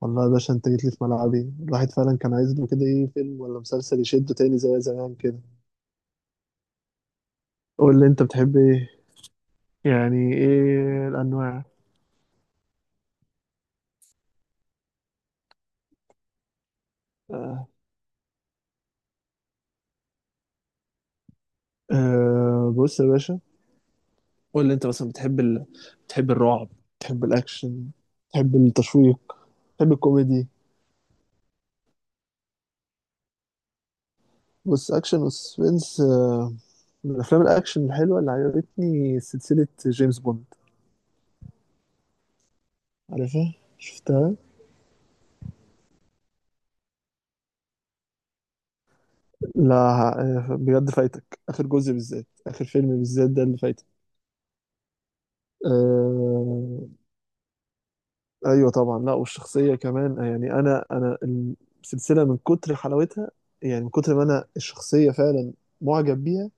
والله يا باشا، انت جيت لي في ملعبي. الواحد فعلا كان عايز له كده. ايه فيلم ولا مسلسل يشده تاني زي زمان كده؟ قول لي انت بتحب ايه؟ يعني ايه الانواع؟ آه. آه، بص يا باشا. قول لي انت مثلا بتحب الرعب؟ بتحب الاكشن؟ بتحب التشويق؟ بتحب الكوميدي؟ بص، اكشن وسسبنس. من افلام الاكشن الحلوه اللي عجبتني سلسله جيمس بوند. عارفها؟ شفتها؟ لا. بجد فايتك اخر جزء. بالذات اخر فيلم بالذات ده اللي فايتك. آه، ايوه طبعا. لا، والشخصيه كمان. يعني انا السلسله من كتر حلاوتها. يعني من كتر ما انا الشخصيه فعلا معجب بيها.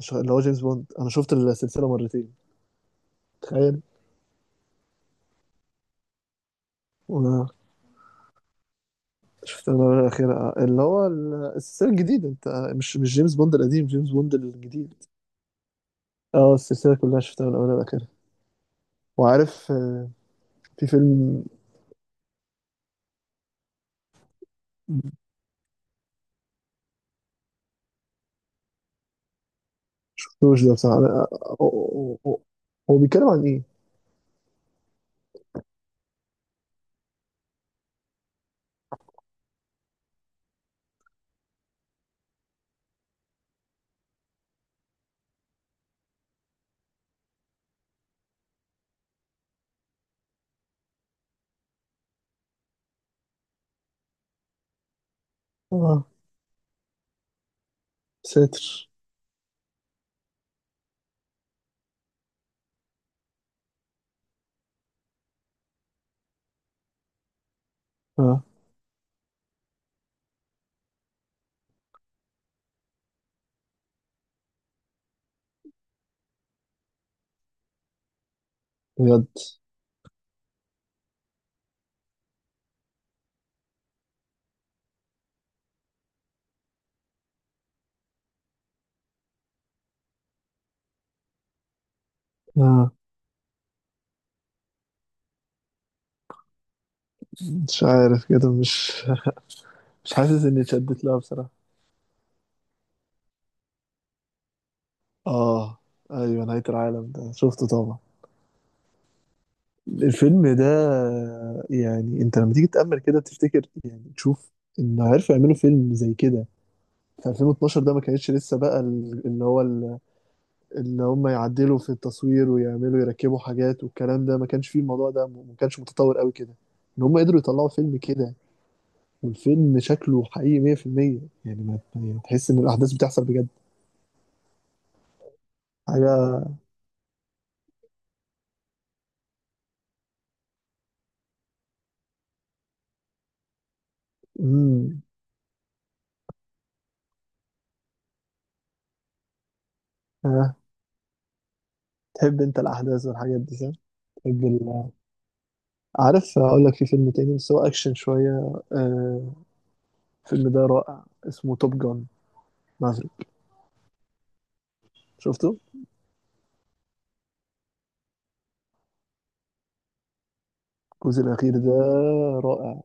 اللي هو جيمس بوند، انا شفت السلسله مرتين. تخيل. وانا شفت المره الاخيره. اللي هو السلسله الجديده. انت، مش جيمس بوند القديم، جيمس بوند الجديد. اه، السلسله كلها شفتها من اولها لاخرها. وعارف. في فيلم. شفتوش ده بصراحه؟ هو هو- هو- هو بيتكلم عن ايه؟ اه، ساتر. اه، بجد. آه. مش عارف كده. مش حاسس اني اتشدت لها بصراحة. اه، ايوه. نهاية العالم ده شفته طبعا. الفيلم ده يعني انت لما تيجي تأمل كده، تفتكر يعني، تشوف ان عرفوا يعملوا فيلم زي كده في 2012 ده. ما كانتش لسه بقى اللي هو اللي هم يعدلوا في التصوير ويعملوا يركبوا حاجات والكلام ده. ما كانش فيه الموضوع ده، ما كانش متطور قوي كده. ان هم قدروا يطلعوا فيلم كده. والفيلم شكله حقيقي 100%. يعني ما يعني، تحس ان الاحداث بتحصل بجد حاجة. امم آه. تحب انت الاحداث والحاجات دي، صح؟ تحب ال... عارف اقول لك، في فيلم تاني بس هو اكشن شويه. آه. الفيلم ده رائع، اسمه توب جان مافريك. شفته؟ الجزء الاخير ده رائع،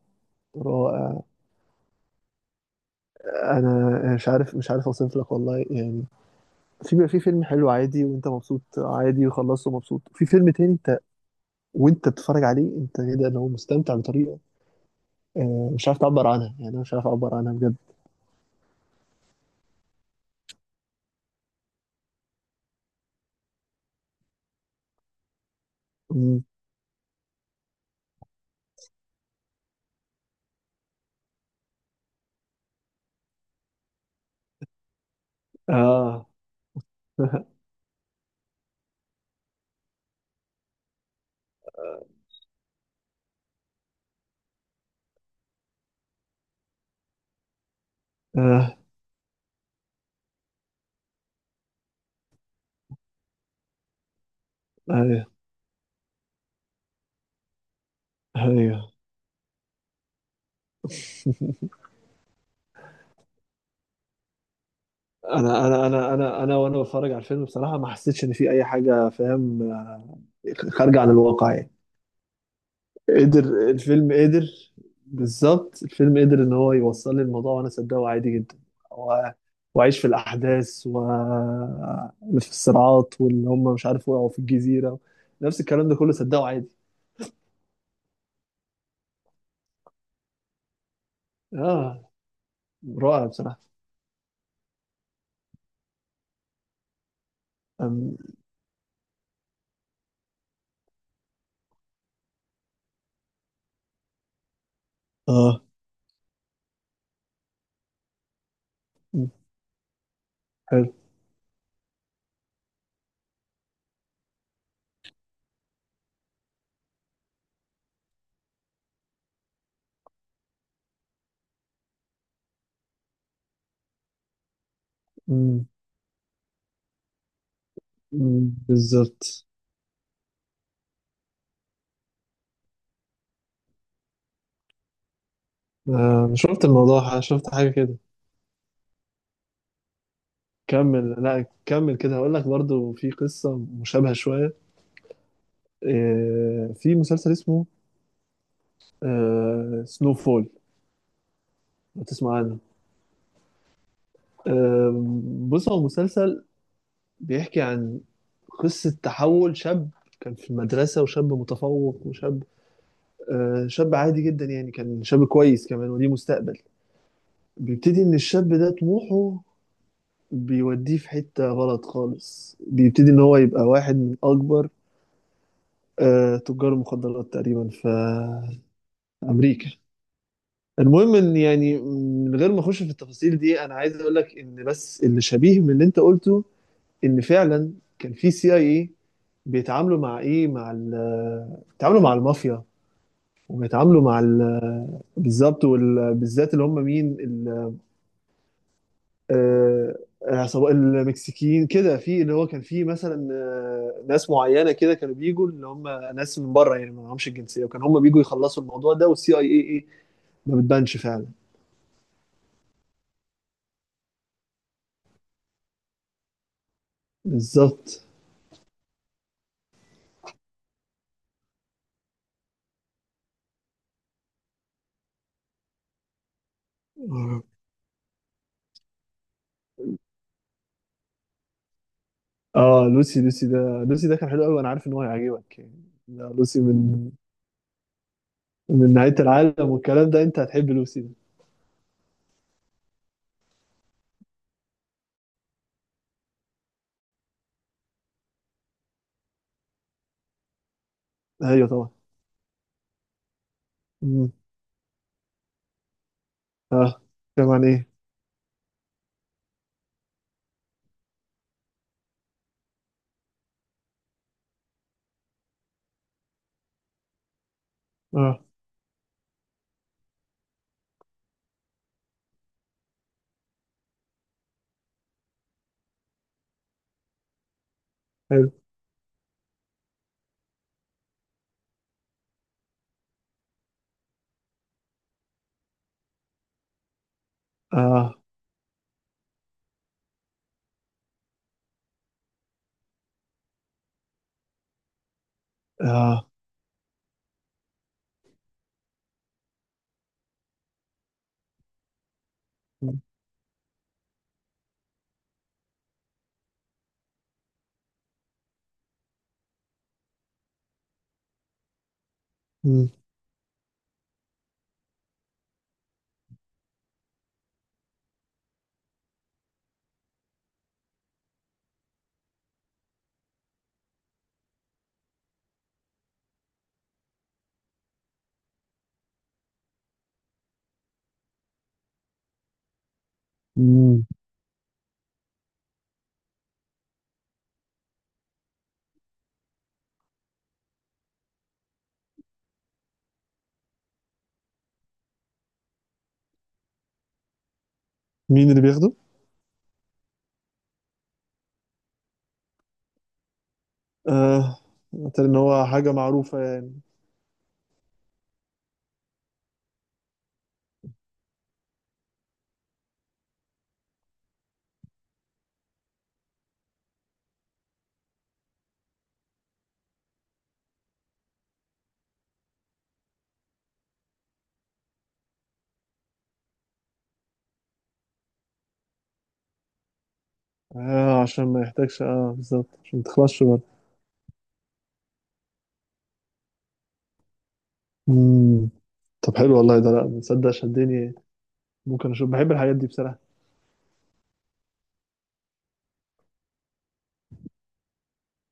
رائع. انا مش عارف اوصف لك والله يعني. في فيلم حلو عادي وانت مبسوط، عادي وخلصته مبسوط. في فيلم تاني، انت وانت بتتفرج عليه انت كده، لو مستمتع بطريقه. آه. مش عارف تعبر عنها يعني. انا مش عارف اعبر عنها بجد. امم اه. اه، ايوه، ايوه. انا انا انا انا انا وانا بتفرج على الفيلم بصراحه، ما حسيتش ان في اي حاجه، فاهم، خارجه عن الواقع يعني. قدر الفيلم، قدر. بالظبط، الفيلم قدر ان هو يوصل لي الموضوع وانا صدقه عادي جدا. و- واعيش في الاحداث وفي الصراعات واللي هم مش عارف وقعوا في الجزيره. نفس الكلام ده كله صدقه عادي. اه، رائع بصراحه. أم... اه. أم، حلو. أم، أم، بالظبط. آه، شفت الموضوع. شفت حاجه كده. كمل. لا، كمل كده، هقول لك برضو في قصة مشابهة شوية. في مسلسل اسمه سنو فول. لو تسمع عنه. آه، بص هو مسلسل بيحكي عن قصة تحول شاب. كان في المدرسة وشاب متفوق وشاب، شاب عادي جدا يعني. كان شاب كويس كمان وليه مستقبل. بيبتدي إن الشاب ده طموحه بيوديه في حتة غلط خالص. بيبتدي إن هو يبقى واحد من أكبر تجار المخدرات تقريبا في أمريكا. المهم ان يعني، من غير ما اخش في التفاصيل دي، انا عايز اقول لك ان بس اللي شبيه من اللي انت قلته، ان فعلا كان في CIA بيتعاملوا مع ايه؟ مع ال بيتعاملوا مع المافيا، وبيتعاملوا مع ال بالظبط. وبالذات اللي هم مين عصابة المكسيكيين كده. في اللي هو كان في مثلا ناس معينه كده، كانوا بيجوا اللي هم ناس من بره يعني. ما معهمش الجنسيه. وكان هم بيجوا يخلصوا الموضوع ده والسي اي اي ايه ما بتبانش فعلا. بالظبط. اه، لوسي ده. لوسي ده كان حلو قوي وانا عارف ان هو هيعجبك يعني. ده لوسي من نهاية العالم والكلام ده. انت هتحب لوسي ده. ايوه طبعا. مم. اه، كمان ايه؟ اه، حلو. اه. اه. مم. مم. مين اللي بياخده؟ اه، قلت ان هو حاجة معروفة يعني. اه، عشان ما يحتاجش. اه، بالظبط، عشان ما تخلصش برضه. مم. طب، حلو والله، ده لا تصدق شدني. ممكن اشوف، بحب الحاجات دي بصراحة.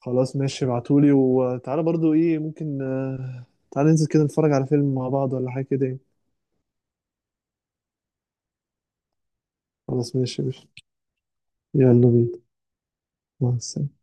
خلاص ماشي، ابعتولي. وتعالى برضو، ايه ممكن. تعالى ننزل كده نتفرج على فيلم مع بعض ولا حاجة كده يعني. خلاص، ماشي ماشي. يلا بينا. مع السلامة.